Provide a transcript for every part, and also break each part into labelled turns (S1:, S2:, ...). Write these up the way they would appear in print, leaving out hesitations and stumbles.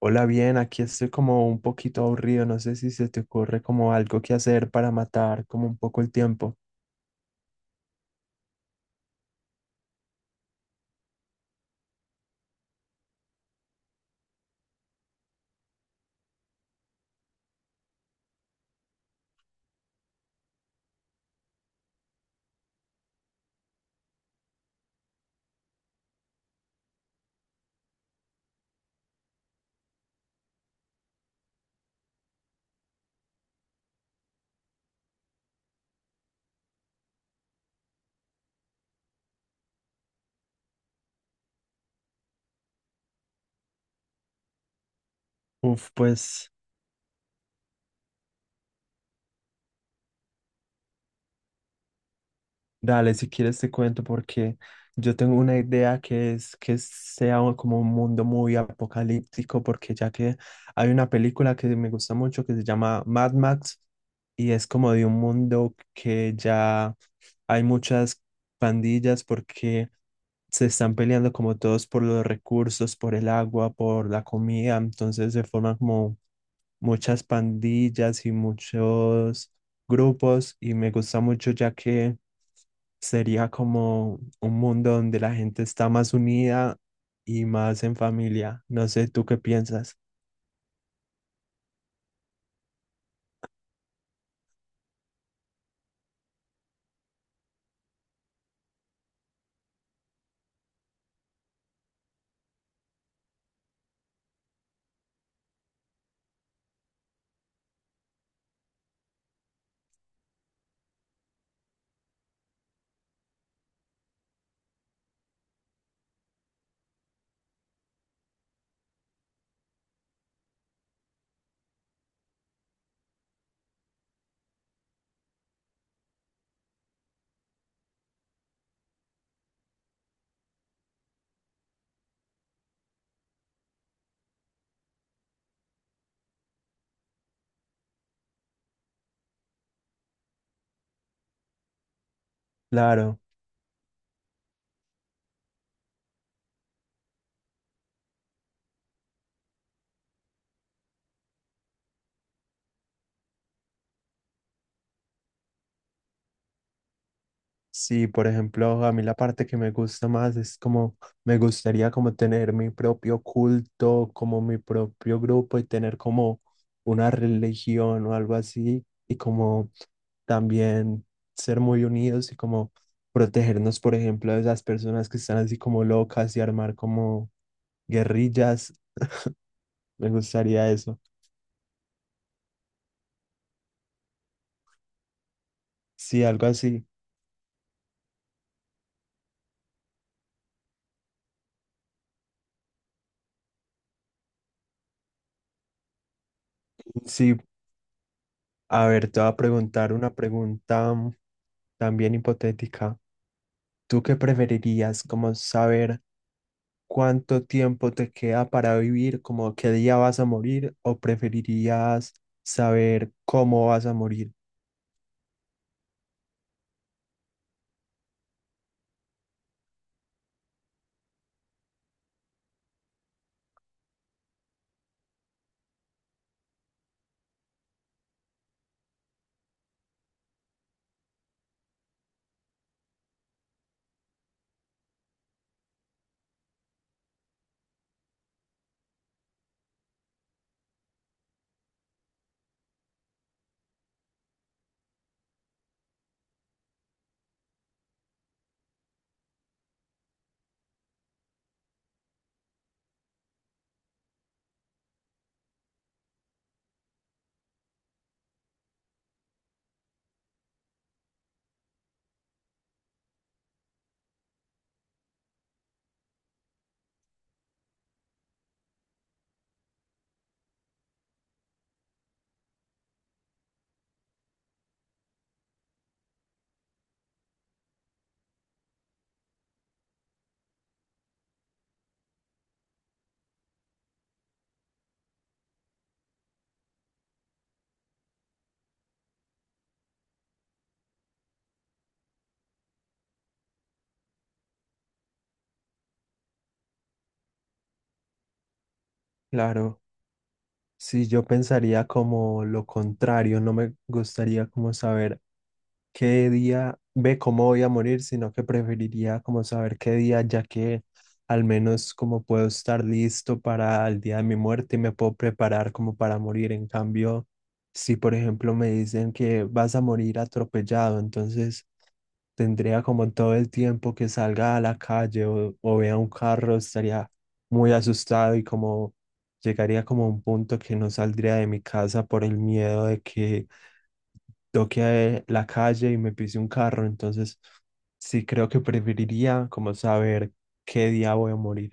S1: Hola, bien, aquí estoy como un poquito aburrido. No sé si se te ocurre como algo que hacer para matar como un poco el tiempo. Uf, pues. Dale, si quieres te cuento porque yo tengo una idea que es que sea como un mundo muy apocalíptico, porque ya que hay una película que me gusta mucho que se llama Mad Max y es como de un mundo que ya hay muchas pandillas porque se están peleando como todos por los recursos, por el agua, por la comida. Entonces se forman como muchas pandillas y muchos grupos, y me gusta mucho ya que sería como un mundo donde la gente está más unida y más en familia. No sé, ¿tú qué piensas? Claro. Sí, por ejemplo, a mí la parte que me gusta más es como me gustaría como tener mi propio culto, como mi propio grupo, y tener como una religión o algo así, y como también ser muy unidos y como protegernos, por ejemplo, de esas personas que están así como locas, y armar como guerrillas. Me gustaría eso. Sí, algo así. Sí, a ver, te voy a preguntar una pregunta también hipotética. ¿Tú qué preferirías? ¿Como saber cuánto tiempo te queda para vivir, como qué día vas a morir, o preferirías saber cómo vas a morir? Claro, si yo pensaría como lo contrario, no me gustaría como saber qué día ve cómo voy a morir, sino que preferiría como saber qué día, ya que al menos como puedo estar listo para el día de mi muerte y me puedo preparar como para morir. En cambio, si por ejemplo me dicen que vas a morir atropellado, entonces tendría como todo el tiempo que salga a la calle o vea un carro, estaría muy asustado y como llegaría como a un punto que no saldría de mi casa por el miedo de que toqué la calle y me pise un carro. Entonces sí creo que preferiría como saber qué día voy a morir.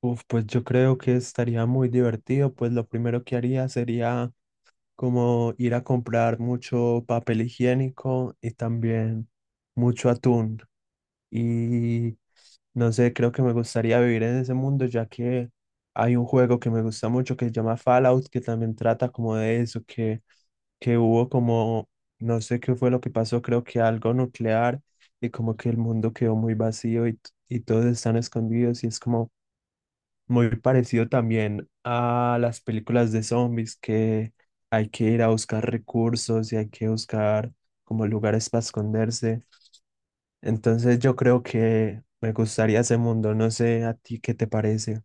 S1: Uf, pues yo creo que estaría muy divertido. Pues lo primero que haría sería como ir a comprar mucho papel higiénico y también mucho atún. Y no sé, creo que me gustaría vivir en ese mundo, ya que hay un juego que me gusta mucho que se llama Fallout, que también trata como de eso, que hubo como, no sé qué fue lo que pasó, creo que algo nuclear, y como que el mundo quedó muy vacío y, y todos están escondidos y es como muy parecido también a las películas de zombies, que hay que ir a buscar recursos y hay que buscar como lugares para esconderse. Entonces yo creo que me gustaría ese mundo, no sé a ti qué te parece.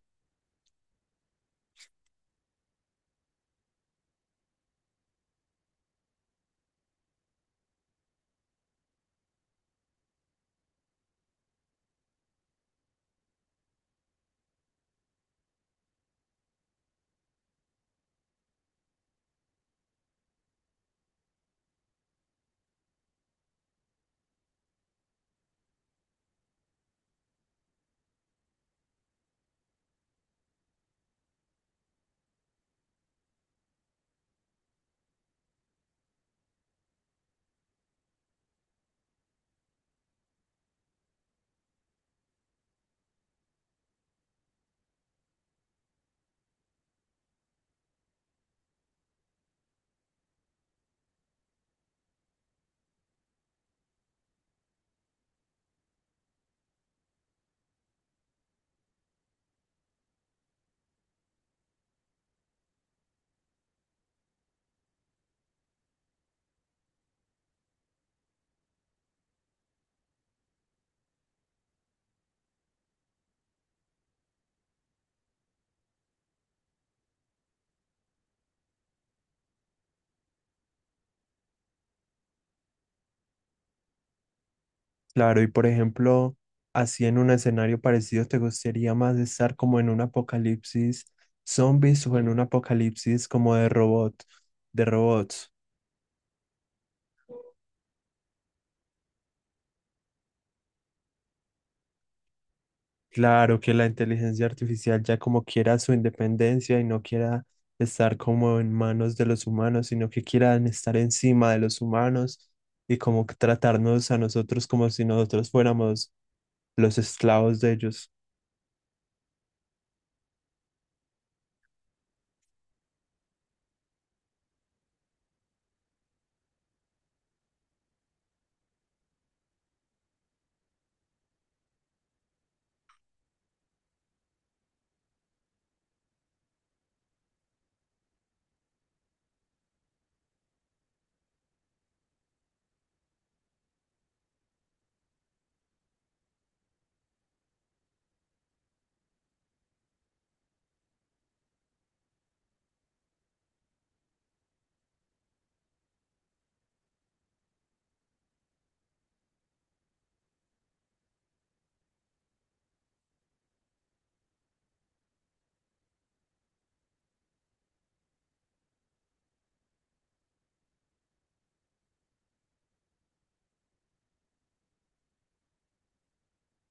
S1: Claro, y por ejemplo, así en un escenario parecido, ¿te gustaría más estar como en un apocalipsis zombies o en un apocalipsis como de robot, de robots? Claro, que la inteligencia artificial ya como quiera su independencia y no quiera estar como en manos de los humanos, sino que quieran estar encima de los humanos, y como que tratarnos a nosotros como si nosotros fuéramos los esclavos de ellos.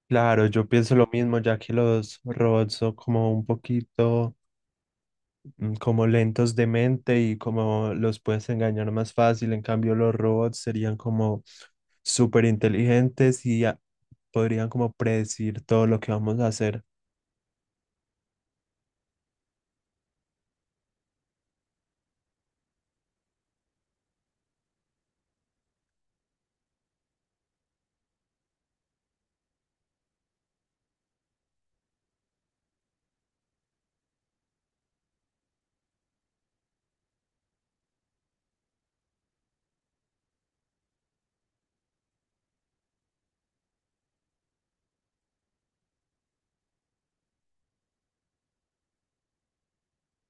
S1: Claro, yo pienso lo mismo, ya que los robots son como un poquito como lentos de mente y como los puedes engañar más fácil. En cambio, los robots serían como súper inteligentes y podrían como predecir todo lo que vamos a hacer.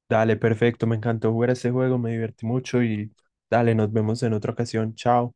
S1: Dale, perfecto, me encantó jugar ese juego, me divertí mucho y dale, nos vemos en otra ocasión. Chao.